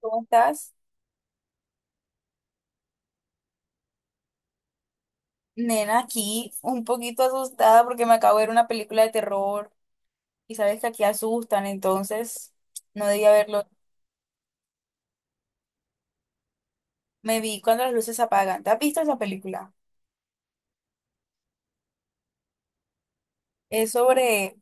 ¿Cómo estás? Nena, aquí un poquito asustada porque me acabo de ver una película de terror y sabes que aquí asustan, entonces no debía verlo. Me vi Cuando las luces se apagan. ¿Te has visto esa película? Es sobre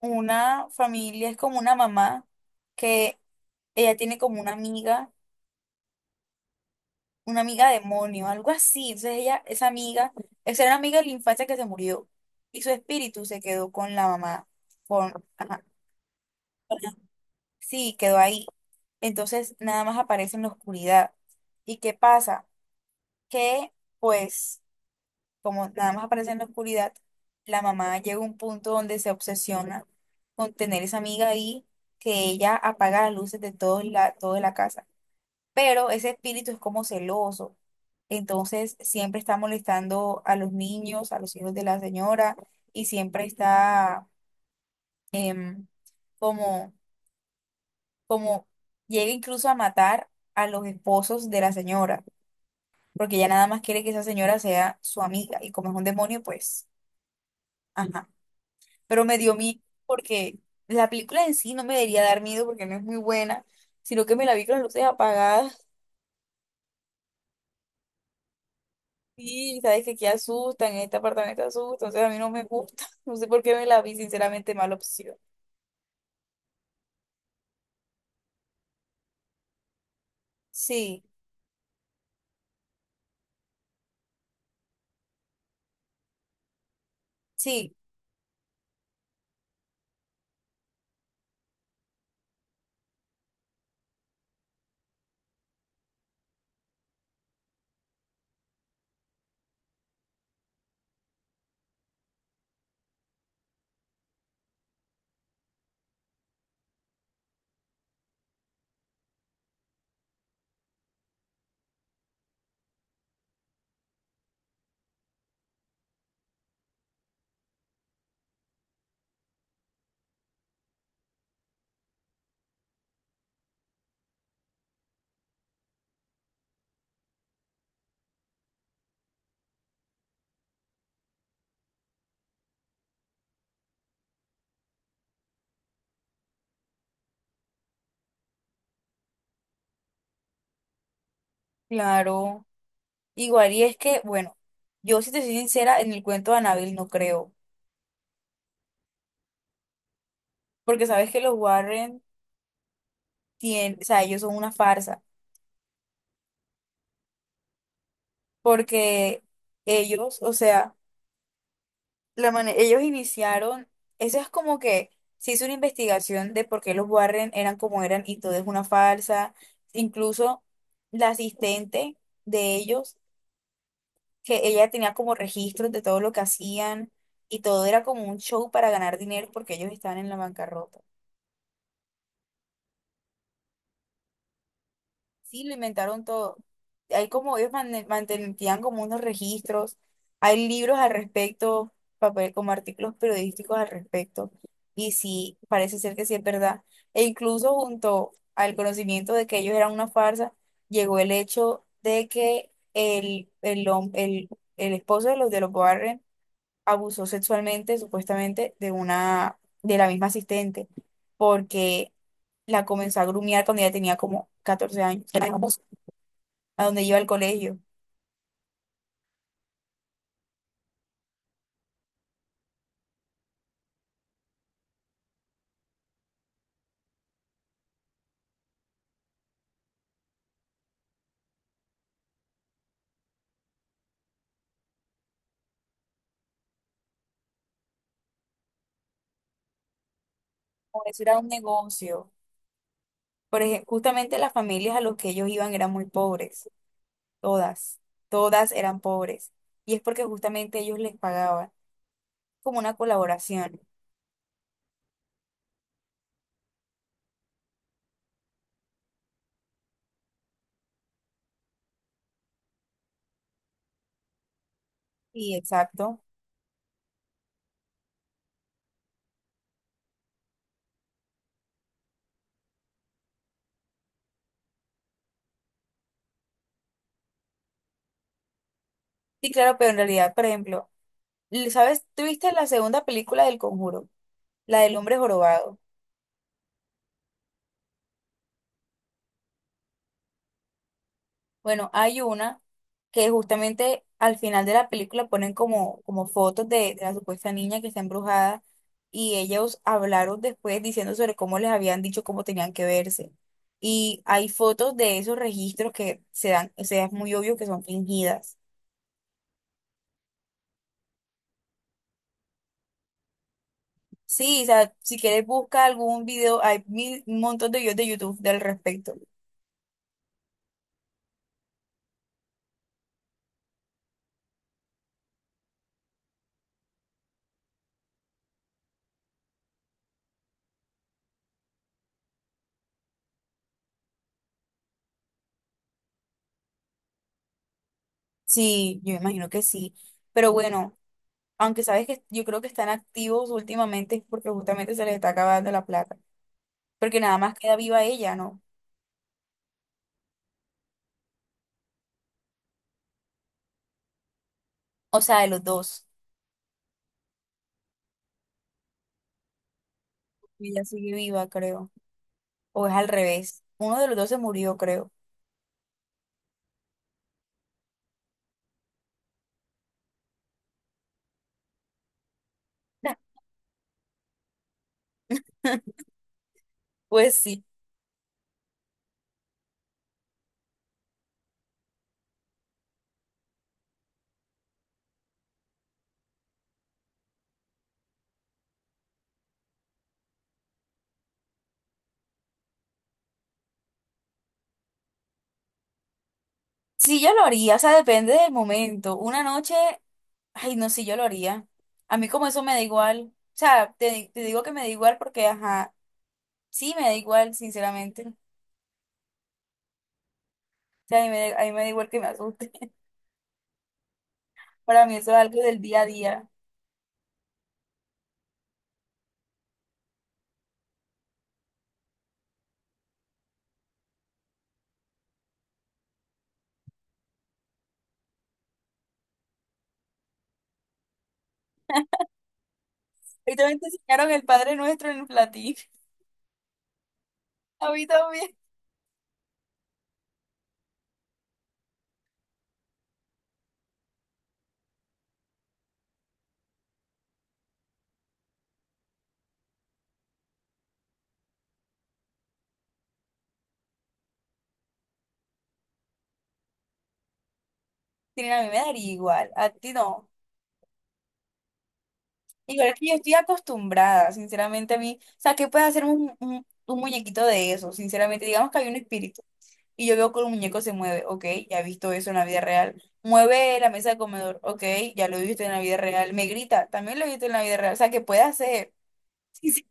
una familia, es como una mamá que ella tiene como una amiga demonio, algo así. Entonces ella, esa amiga, esa era una amiga de la infancia que se murió y su espíritu se quedó con la mamá. Con, ajá. Sí, quedó ahí. Entonces nada más aparece en la oscuridad. ¿Y qué pasa? Que pues como nada más aparece en la oscuridad, la mamá llega a un punto donde se obsesiona con tener esa amiga ahí que ella apaga las luces de toda la casa. Pero ese espíritu es como celoso. Entonces siempre está molestando a los niños, a los hijos de la señora y siempre está em, como como llega incluso a matar a los esposos de la señora, porque ella nada más quiere que esa señora sea su amiga, y como es un demonio, pues, ajá. Pero me dio miedo porque la película en sí no me debería dar miedo porque no es muy buena, sino que me la vi con las luces apagadas. Y sabes que aquí asustan, en este apartamento asustan, entonces a mí no me gusta. No sé por qué me la vi, sinceramente, mala opción. Sí, sí, claro. Igual, y es que, bueno, yo si te soy sincera, en el cuento de Anabel no creo. Porque sabes que los Warren tienen, o sea, ellos son una farsa, porque ellos, o sea, ellos iniciaron, eso es como que se hizo una investigación de por qué los Warren eran como eran y todo es una farsa, incluso la asistente de ellos, que ella tenía como registros de todo lo que hacían y todo era como un show para ganar dinero porque ellos estaban en la bancarrota. Sí, lo inventaron todo. Hay como ellos mantenían como unos registros, hay libros al respecto, papel, como artículos periodísticos al respecto. Y sí, parece ser que sí es verdad. E incluso junto al conocimiento de que ellos eran una farsa, llegó el hecho de que el esposo de los Warren abusó sexualmente, supuestamente, de una, de la misma asistente, porque la comenzó a grumiar cuando ella tenía como 14 años a donde iba al colegio. O eso era un negocio. Por ejemplo, justamente las familias a los que ellos iban eran muy pobres, todas, todas eran pobres. Y es porque justamente ellos les pagaban como una colaboración. Sí, exacto. Sí, claro, pero en realidad, por ejemplo, ¿sabes? ¿Tuviste la segunda película del Conjuro? La del hombre jorobado. Bueno, hay una que justamente al final de la película ponen como, como fotos de la supuesta niña que está embrujada y ellos hablaron después diciendo sobre cómo les habían dicho cómo tenían que verse. Y hay fotos de esos registros que se dan, o sea, es muy obvio que son fingidas. Sí, o sea, si quieres busca algún video, hay mil, un montón de videos de YouTube del respecto. Sí, yo me imagino que sí. Pero bueno, aunque sabes que yo creo que están activos últimamente es porque justamente se les está acabando la plata, porque nada más queda viva ella, ¿no? O sea, de los dos. Ella sigue viva, creo. O es al revés. Uno de los dos se murió, creo. Pues sí. Sí, yo lo haría, o sea, depende del momento. Una noche, ay, no, sí, yo lo haría. A mí como eso me da igual. O sea, te digo que me da igual porque, ajá, sí, me da igual, sinceramente. O sea, a mí me da igual que me asuste. Para mí eso es algo del día a día. Y también te enseñaron el Padre Nuestro en el platillo. A mí también. Sí, a mí me daría igual, a ti no. Igual que yo estoy acostumbrada, sinceramente a mí, o sea, ¿qué puede hacer un, un muñequito de eso? Sinceramente, digamos que hay un espíritu y yo veo que el muñeco se mueve, ok, ya he visto eso en la vida real. Mueve la mesa de comedor, ok, ya lo he visto en la vida real. Me grita, también lo he visto en la vida real, o sea, ¿qué puede hacer? Sí, sí.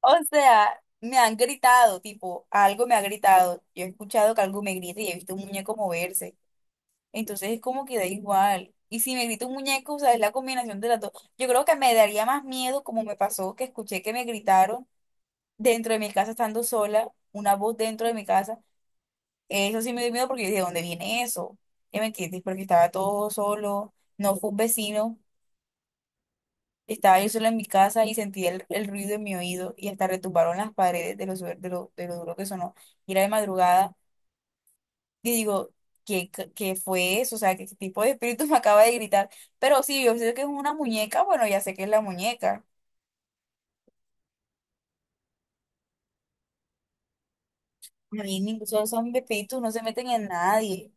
O sea, me han gritado, tipo, algo me ha gritado, yo he escuchado que algo me grita y he visto un muñeco moverse. Entonces es como que da igual. Y si me grita un muñeco, o sea, es la combinación de las dos. Yo creo que me daría más miedo, como me pasó, que escuché que me gritaron dentro de mi casa estando sola, una voz dentro de mi casa. Eso sí me dio miedo porque yo dije, ¿de dónde viene eso? ¿Ya me entiendes? Porque estaba todo solo, no fue un vecino, estaba yo sola en mi casa y sentí el ruido en mi oído y hasta retumbaron las paredes de de de lo duro que sonó. Y era de madrugada. Y digo, ¿qué fue eso? O sea, ¿qué tipo de espíritu me acaba de gritar? Pero sí, yo sé que es una muñeca, bueno, ya sé que es la muñeca. A mí incluso esos espíritus no se meten en nadie.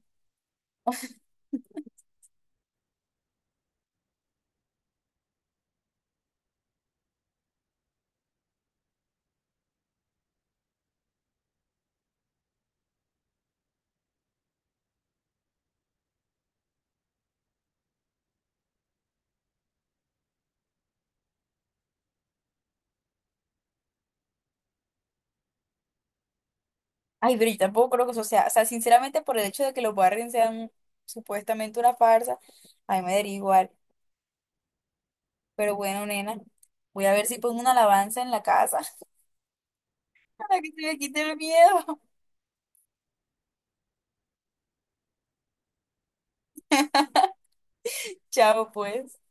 Ay, pero yo tampoco creo que eso sea, o sea, sinceramente por el hecho de que los Warren sean supuestamente una farsa, a mí me daría igual. Pero bueno, nena, voy a ver si pongo una alabanza en la casa para que se me quite el miedo. Chao, pues.